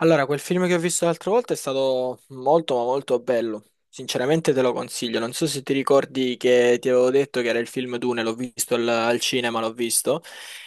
Allora, quel film che ho visto l'altra volta è stato molto ma molto bello. Sinceramente te lo consiglio. Non so se ti ricordi che ti avevo detto che era il film Dune, l'ho visto al cinema, l'ho visto.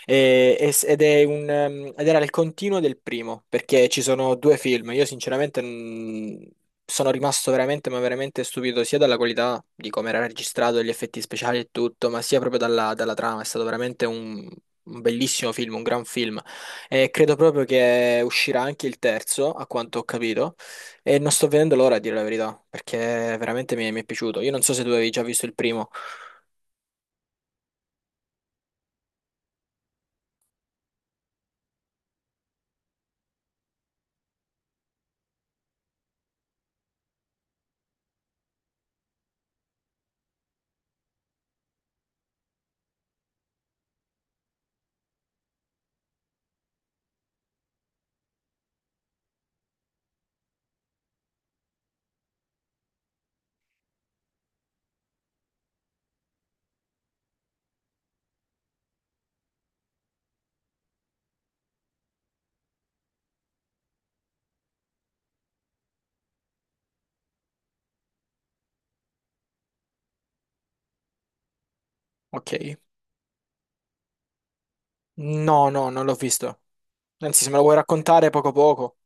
Ed è un, ed era il continuo del primo, perché ci sono due film. Io sinceramente sono rimasto veramente ma veramente stupito sia dalla qualità di come era registrato, gli effetti speciali e tutto, ma sia proprio dalla trama. È stato veramente un bellissimo film, un gran film. E credo proprio che uscirà anche il terzo, a quanto ho capito, e non sto vedendo l'ora a dire la verità, perché veramente mi è piaciuto. Io non so se tu avevi già visto il primo. Ok. No, no, non l'ho visto. Anzi, se me lo vuoi raccontare poco poco.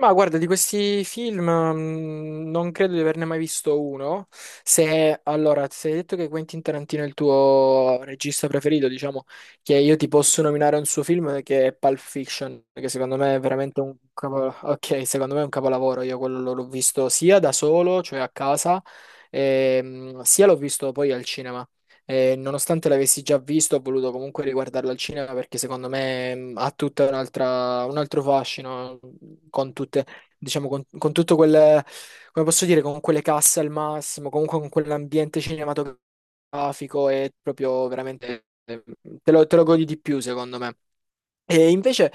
Ma guarda, di questi film non credo di averne mai visto uno. Se, allora, se hai detto che Quentin Tarantino è il tuo regista preferito, diciamo che io ti posso nominare un suo film che è Pulp Fiction, che secondo me è veramente un capolavoro. Ok, secondo me è un capolavoro. Io quello l'ho visto sia da solo, cioè a casa, e, sia l'ho visto poi al cinema. E nonostante l'avessi già visto, ho voluto comunque riguardarlo al cinema perché secondo me ha tutta un'altra, un altro fascino con tutte, diciamo, con tutto quel, come posso dire, con quelle casse al massimo, comunque con quell'ambiente cinematografico è proprio veramente, te lo godi di più secondo me. E invece,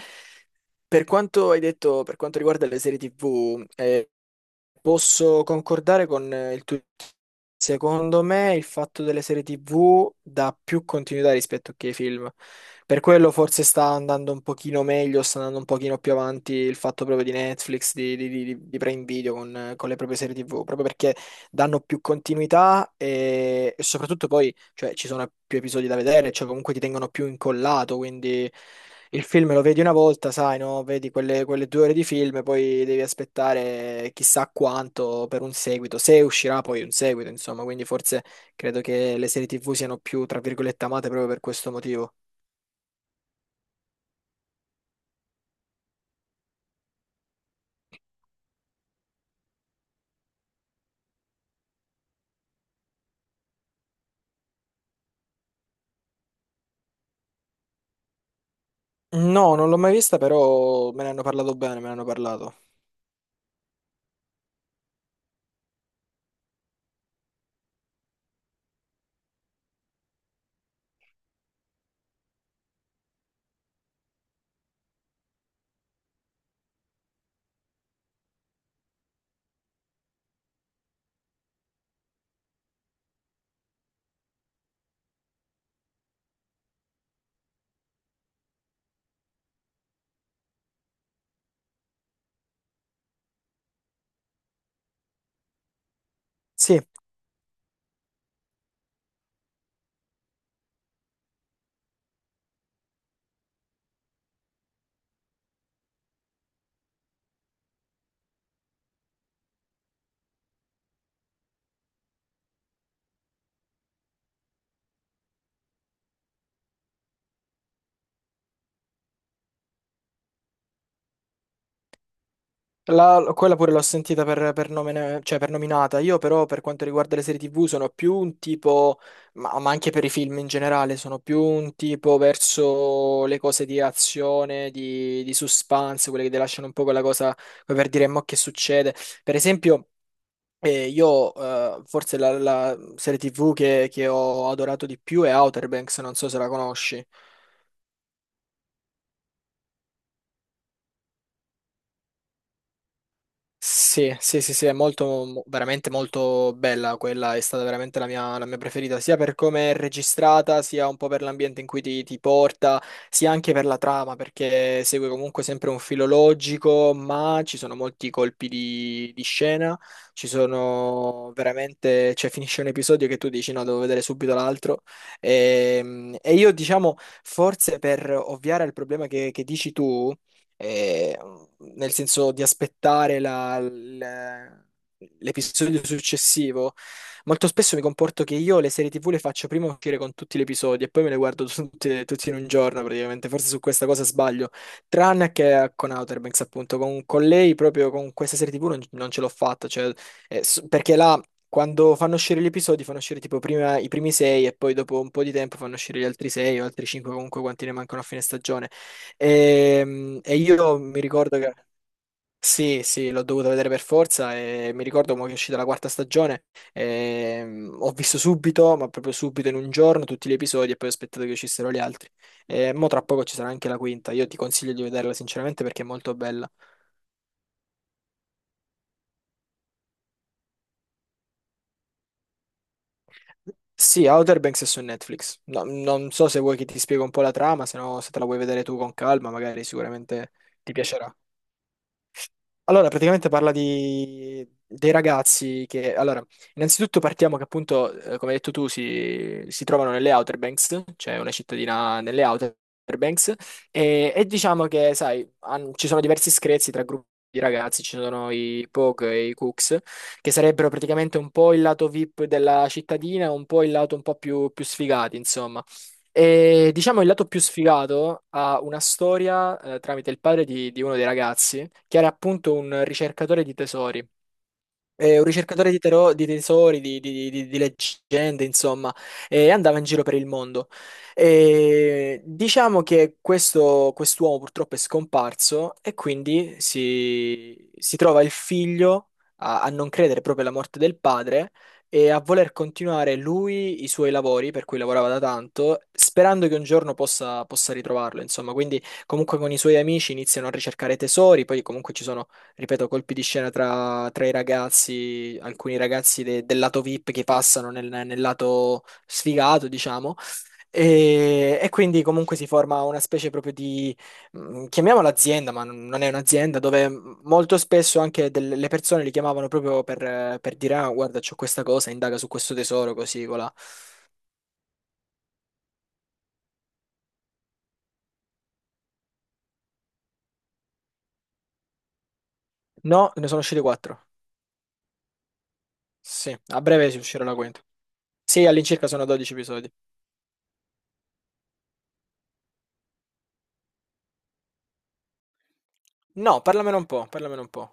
per quanto hai detto, per quanto riguarda le serie TV, posso concordare con il tuo... Secondo me il fatto delle serie TV dà più continuità rispetto che ai film. Per quello forse sta andando un pochino meglio, sta andando un pochino più avanti il fatto proprio di Netflix, di Prime Video con le proprie serie TV, proprio perché danno più continuità e soprattutto poi cioè, ci sono più episodi da vedere, cioè comunque ti tengono più incollato, quindi... Il film lo vedi una volta, sai, no? Vedi quelle, quelle due ore di film, poi devi aspettare chissà quanto per un seguito, se uscirà poi un seguito, insomma, quindi forse credo che le serie TV siano più, tra virgolette, amate proprio per questo motivo. No, non l'ho mai vista, però me ne hanno parlato bene, me ne hanno parlato. Sì. La- quella pure l'ho sentita per nome- cioè per nominata. Io però per quanto riguarda le serie TV sono più un tipo, ma anche per i film in generale, sono più un tipo verso le cose di azione, di suspense, quelle che ti lasciano un po' quella cosa come per dire mo che succede. Per esempio, io forse la serie TV che ho adorato di più è Outer Banks, non so se la conosci. Sì, sì, sì, sì, è molto, mo- veramente molto bella quella, è stata veramente la mia preferita, sia per come è registrata, sia un po' per l'ambiente in cui ti porta, sia anche per la trama, perché segue comunque sempre un filo logico, ma ci sono molti colpi di scena, ci sono veramente, cioè finisce un episodio che tu dici no, devo vedere subito l'altro, e io diciamo, forse per ovviare al problema che dici tu, eh, nel senso di aspettare l'episodio successivo, molto spesso mi comporto che io le serie TV le faccio prima uscire con tutti gli episodi e poi me le guardo tutte, tutti in un giorno praticamente. Forse su questa cosa sbaglio, tranne che con Outer Banks, appunto, con lei proprio con questa serie TV non, non ce l'ho fatta, cioè, perché là. Quando fanno uscire gli episodi, fanno uscire tipo prima i primi sei e poi dopo un po' di tempo fanno uscire gli altri sei o altri cinque, comunque quanti ne mancano a fine stagione. E io mi ricordo che sì, sì, l'ho dovuta vedere per forza e mi ricordo mo che è uscita la quarta stagione. E, ho visto subito, ma proprio subito in un giorno, tutti gli episodi e poi ho aspettato che uscissero gli altri. E mo tra poco ci sarà anche la quinta. Io ti consiglio di vederla sinceramente perché è molto bella. Sì, Outer Banks è su Netflix. No, non so se vuoi che ti spiego un po' la trama, se no se te la vuoi vedere tu con calma, magari sicuramente ti piacerà. Allora, praticamente parla di, dei ragazzi che, allora, innanzitutto partiamo che appunto, come hai detto tu, si trovano nelle Outer Banks, cioè una cittadina nelle Outer Banks, e diciamo che, sai, han- ci sono diversi screzi tra gruppi di ragazzi, ci sono i Pogue e i Cooks, che sarebbero praticamente un po' il lato VIP della cittadina, un po' il lato un po' più, più sfigati, insomma. E diciamo il lato più sfigato ha una storia tramite il padre di uno dei ragazzi, che era appunto un ricercatore di tesori. È un ricercatore di, tero- di tesori, di leggende, insomma, e andava in giro per il mondo. E diciamo che questo, quest'uomo purtroppo è scomparso e quindi si trova il figlio a, a non credere proprio alla morte del padre e a voler continuare lui i suoi lavori per cui lavorava da tanto, sperando che un giorno possa ritrovarlo, insomma. Quindi comunque con i suoi amici iniziano a ricercare tesori, poi comunque ci sono ripeto, colpi di scena tra, tra i ragazzi, alcuni ragazzi del lato VIP che passano nel, nel lato sfigato, diciamo. E quindi comunque si forma una specie proprio di, chiamiamola azienda, ma non è un'azienda, dove molto spesso anche delle le persone li chiamavano proprio per dire, ah, guarda, c'ho questa cosa, indaga su questo tesoro, così, colà. No, ne sono uscite quattro. Sì, a breve si uscirà la quinta. Sì, all'incirca sono 12 episodi. No, parlamene un po', parlamene un po'.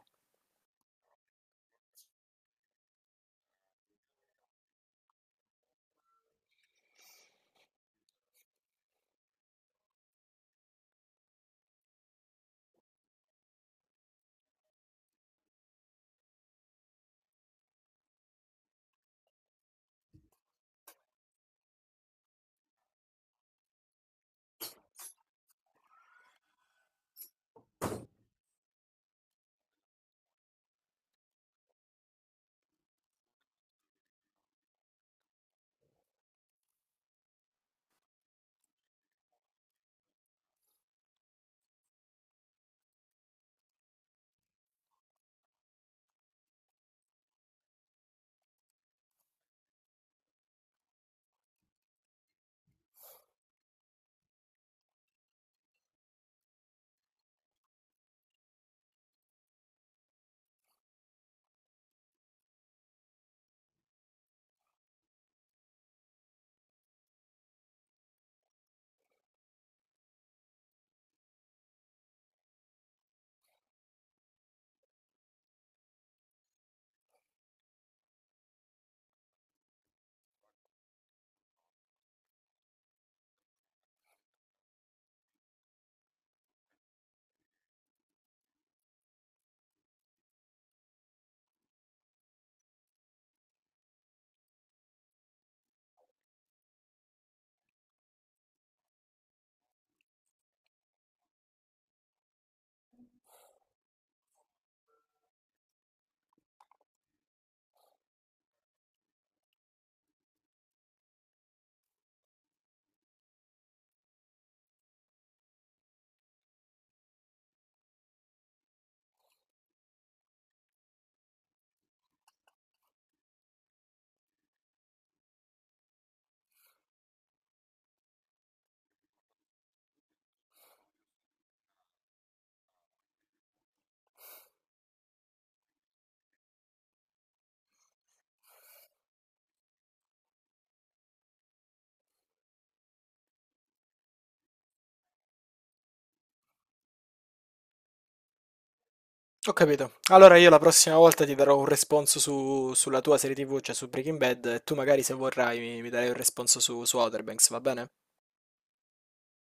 Ho capito. Allora io la prossima volta ti darò un responso sulla tua serie TV, cioè su Breaking Bad, e tu magari se vorrai mi darai un responso su, su Outer Banks, va bene?